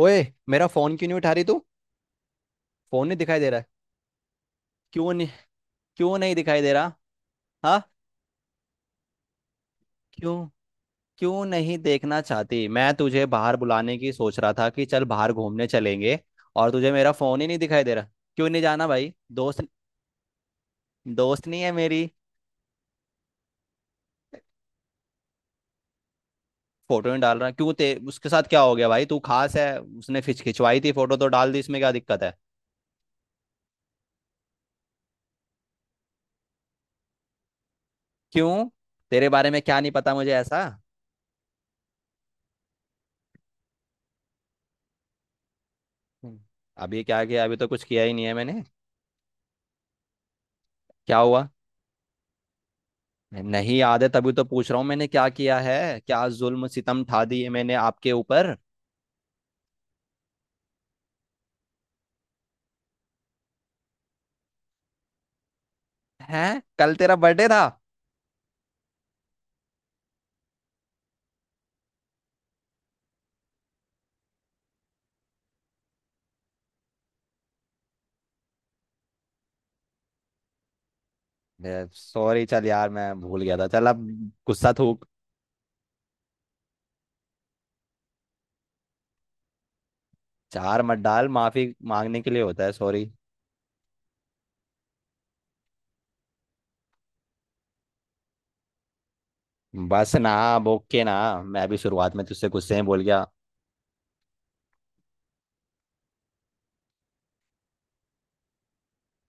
ओए, मेरा फोन क्यों नहीं उठा रही तू। फोन नहीं दिखाई दे रहा है। क्यों नहीं, क्यों नहीं दिखाई दे रहा। हाँ। क्यों, क्यों नहीं देखना चाहती। मैं तुझे बाहर बुलाने की सोच रहा था कि चल बाहर घूमने चलेंगे, और तुझे मेरा फोन ही नहीं दिखाई दे रहा। क्यों नहीं जाना भाई दोस्त। दोस्त नहीं है मेरी? फोटो नहीं डाल रहा क्यों ते? उसके साथ क्या हो गया भाई, तू खास है। उसने खिंच खिंचवाई थी फोटो तो डाल दी, इसमें क्या दिक्कत है। क्यों, तेरे बारे में क्या नहीं पता मुझे ऐसा। हम्म। अभी क्या किया, अभी तो कुछ किया ही नहीं है मैंने। क्या हुआ। नहीं याद है तभी तो पूछ रहा हूँ, मैंने क्या किया है, क्या जुल्म सितम ढा दिए मैंने आपके ऊपर। हैं, कल तेरा बर्थडे था। सॉरी चल यार, मैं भूल गया था। चल अब गुस्सा थूक। चार मत डाल, माफी मांगने के लिए होता है सॉरी। बस ना, बोके ना। मैं भी शुरुआत में तुझसे गुस्से में बोल गया।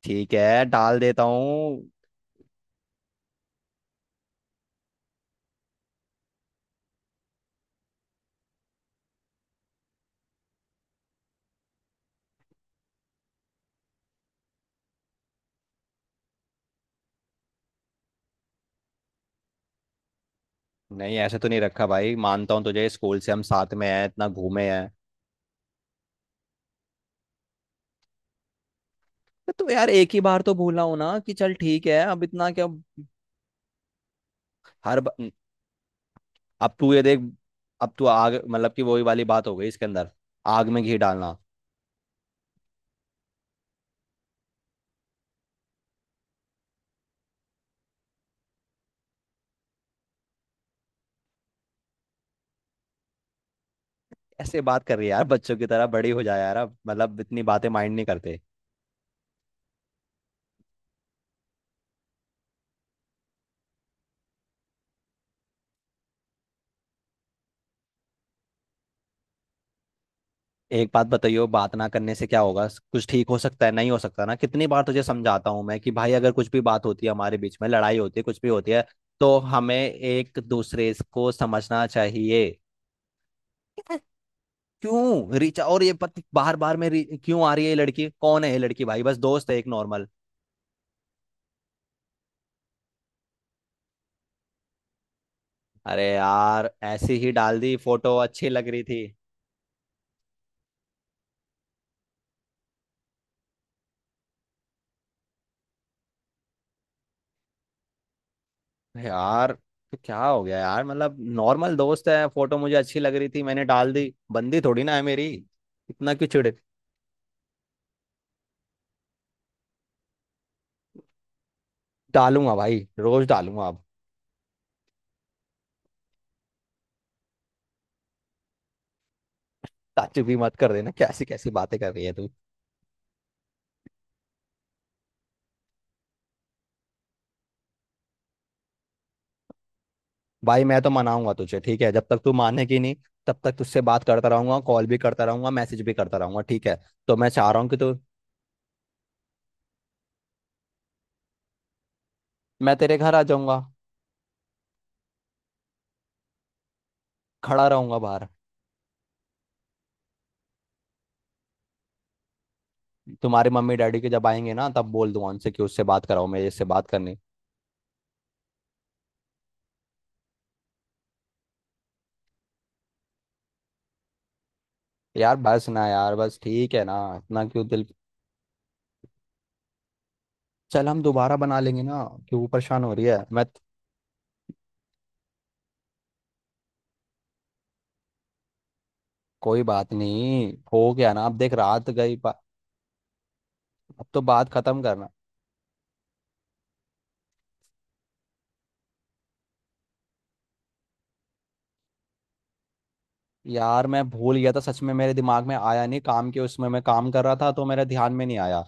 ठीक है, डाल देता हूँ। नहीं, ऐसे तो नहीं रखा भाई, मानता हूँ तुझे, स्कूल से हम साथ में हैं, इतना घूमे हैं। तो यार एक ही बार तो भूला हो ना, कि चल ठीक है, अब इतना क्या। हर बार। अब तू ये देख, अब तू आग, मतलब कि वही वाली बात हो गई इसके अंदर, आग में घी डालना। ऐसे बात कर रही है यार बच्चों की तरह, बड़ी हो जाए यार अब, मतलब इतनी बातें माइंड नहीं करते। एक बात बताइयो, बात ना करने से क्या होगा, कुछ ठीक हो सकता है? नहीं हो सकता ना। कितनी बार तुझे समझाता हूँ मैं कि भाई, अगर कुछ भी बात होती है हमारे बीच में, लड़ाई होती है कुछ भी होती है, तो हमें एक दूसरे को समझना चाहिए। क्यों रिचा और ये पति बार बार में क्यों आ रही है? ये लड़की कौन है, ये लड़की भाई बस दोस्त है एक नॉर्मल। अरे यार, ऐसी ही डाल दी फोटो, अच्छी लग रही थी। अरे यार, तो क्या हो गया यार, मतलब नॉर्मल दोस्त है, फोटो मुझे अच्छी लग रही थी मैंने डाल दी, बंदी थोड़ी ना है मेरी। इतना क्यों चिढ़। डालूंगा भाई, रोज डालूंगा अब। ताज्जुब भी मत कर देना, कैसी कैसी बातें कर रही है तू। भाई मैं तो मनाऊंगा तुझे, ठीक है, जब तक तू मानेगी नहीं तब तक तुझसे बात करता रहूंगा, कॉल भी करता रहूंगा, मैसेज भी करता रहूंगा, ठीक है। तो मैं चाह रहा हूँ कि तू, मैं तेरे घर आ जाऊंगा, खड़ा रहूंगा बाहर। तुम्हारे मम्मी डैडी के जब आएंगे ना, तब बोल दूंगा उनसे कि उससे बात कराओ, मेरे इससे बात करनी। यार बस ना यार, बस ठीक है ना, इतना क्यों दिल। चल हम दोबारा बना लेंगे ना। क्यों परेशान हो रही है, कोई बात नहीं, हो गया ना, अब देख रात गई अब तो बात खत्म करना। यार मैं भूल गया था सच में, मेरे दिमाग में आया नहीं, काम के उसमें मैं काम कर रहा था तो मेरे ध्यान में नहीं आया।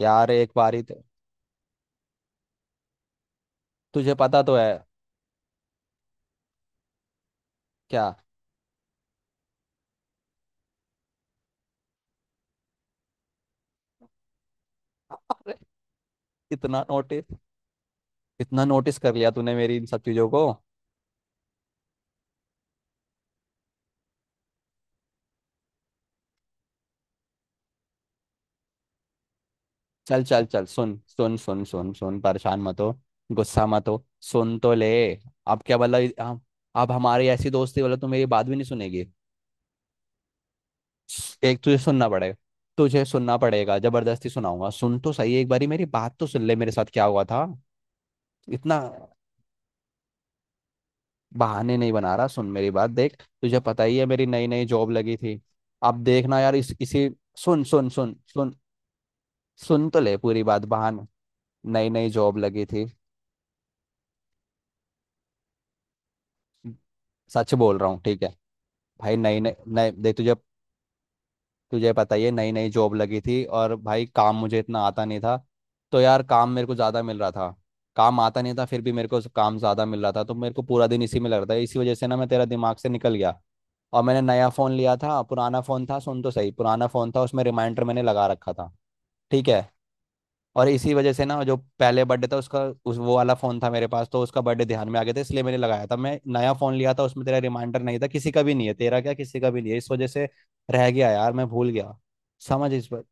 यार एक बारी तुझे पता तो है। क्या। अरे इतना नोटिस, इतना नोटिस कर लिया तूने मेरी इन सब चीजों को। चल चल चल, सुन सुन सुन सुन सुन, परेशान मत हो, गुस्सा मत हो, सुन तो ले, अब क्या बोला। हम, अब हमारी ऐसी दोस्ती बोला, तू मेरी बात भी नहीं सुनेगी? एक तुझे सुनना पड़ेगा, तुझे सुनना पड़ेगा, जबरदस्ती सुनाऊंगा, सुन तो सही, एक बारी मेरी बात तो सुन ले, मेरे साथ क्या हुआ था। इतना बहाने नहीं बना रहा, सुन मेरी बात, देख तुझे पता ही है मेरी नई नई जॉब लगी थी। अब देखना यार इस इसी, सुन सुन सुन सुन, सुन तो ले पूरी बात, बहाने। नई नई जॉब लगी थी, सच बोल रहा हूँ ठीक है। भाई नई नई, नई देख तुझे, तुझे पता ही है नई नई जॉब लगी थी, और भाई काम मुझे इतना आता नहीं था, तो यार काम मेरे को ज़्यादा मिल रहा था। काम आता नहीं था फिर भी मेरे को काम ज़्यादा मिल रहा था, तो मेरे को पूरा दिन इसी में लग रहा था, इसी वजह से ना मैं, तेरा दिमाग से निकल गया। और मैंने नया फ़ोन लिया था, पुराना फ़ोन था, सुन तो सही, पुराना फ़ोन था उसमें रिमाइंडर मैंने लगा रखा था। ठीक है? और इसी वजह से ना, जो पहले बर्थडे था उसका, उस, वो वाला फोन था मेरे पास, तो उसका बर्थडे ध्यान में आ गया था, इसलिए मैंने लगाया था। मैं नया फोन लिया था उसमें तेरा रिमाइंडर नहीं था, किसी का भी नहीं है, तेरा क्या किसी का भी नहीं है, इस वजह से रह गया यार, मैं भूल गया। समझ इस पर।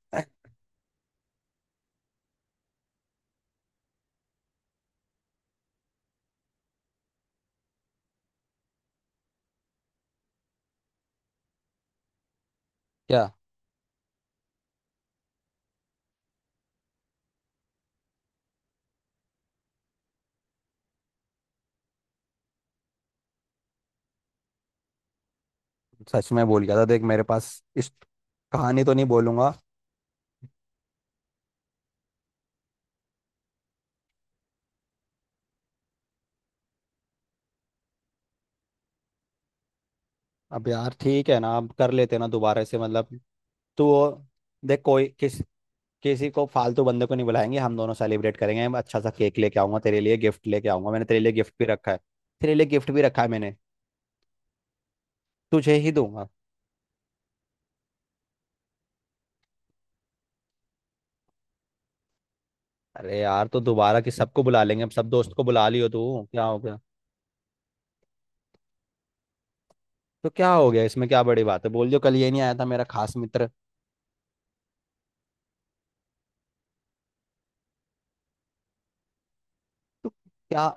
क्या, सच में भूल गया था देख, मेरे पास इस कहानी तो नहीं बोलूंगा। अब यार ठीक है ना, अब कर लेते ना दोबारा से, मतलब। तो देख, कोई किस किसी को फालतू बंदे को नहीं बुलाएंगे, हम दोनों सेलिब्रेट करेंगे, मैं अच्छा सा केक लेके आऊंगा, तेरे लिए गिफ्ट लेके आऊंगा, मैंने तेरे लिए गिफ्ट भी रखा है। तेरे लिए गिफ्ट भी रखा है मैंने, तुझे ही दूंगा। अरे यार, तो दोबारा कि सबको बुला लेंगे, अब सब दोस्त को बुला लियो तू। क्या हो गया, तो क्या हो गया इसमें, क्या बड़ी बात है, बोल दियो कल ये नहीं आया था मेरा खास मित्र। तो क्या।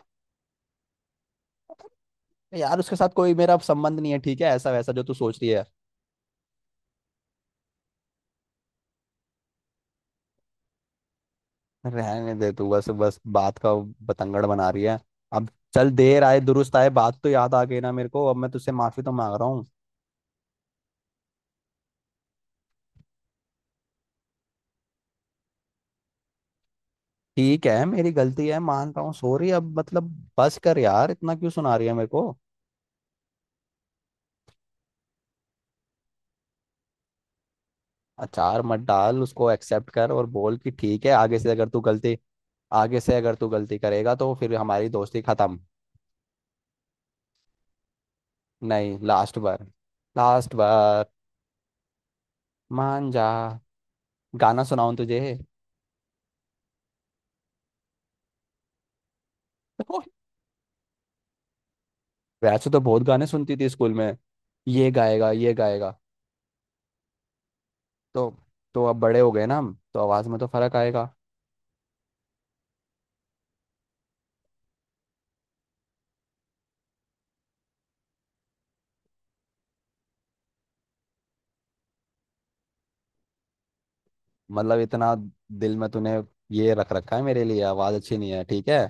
यार उसके साथ कोई मेरा संबंध नहीं है, ठीक है, ऐसा वैसा जो तू सोच रही है। रहने दे तू, बस बस बात का बतंगड़ बना रही है। अब चल, देर आए दुरुस्त आए, बात तो याद आ गई ना मेरे को, अब मैं तुझसे माफी तो मांग रहा हूँ। ठीक है मेरी गलती है, मान रहा हूँ, सॉरी, अब मतलब बस कर यार, इतना क्यों सुना रही है मेरे को। अचार मत डाल, उसको एक्सेप्ट कर और बोल कि ठीक है, आगे से अगर तू गलती, आगे से अगर तू गलती करेगा तो फिर हमारी दोस्ती खत्म। नहीं लास्ट बार, लास्ट बार, मान जा। गाना सुनाऊं तुझे? वैसे तो बहुत गाने सुनती थी स्कूल में, ये गाएगा ये गाएगा। तो तो अब बड़े हो गए ना हम तो आवाज में तो फर्क आएगा। मतलब इतना दिल में तूने ये रख रखा है मेरे लिए, आवाज अच्छी नहीं है, ठीक है।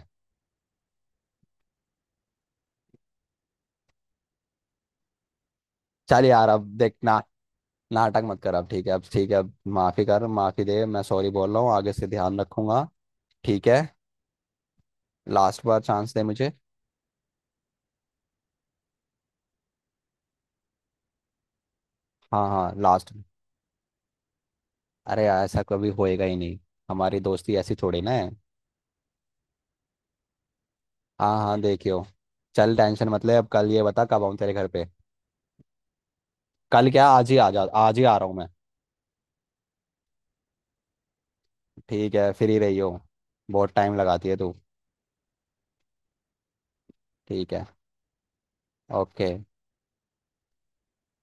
चल यार, अब देख ना, नाटक मत कर अब, ठीक है अब, ठीक है अब, माफी कर, माफी दे, मैं सॉरी बोल रहा हूँ, आगे से ध्यान रखूंगा, ठीक है? लास्ट बार चांस दे मुझे। हाँ हाँ लास्ट। अरे यार ऐसा कभी होएगा ही नहीं, हमारी दोस्ती ऐसी थोड़ी ना है। हाँ हाँ देखियो। चल टेंशन मत ले, अब कल ये बता कब आऊँ तेरे घर पे। कल क्या, आज ही आ जा, आज ही आ रहा हूँ मैं। ठीक है, फ्री रही हो, बहुत टाइम लगाती है तू। ठीक है। ओके।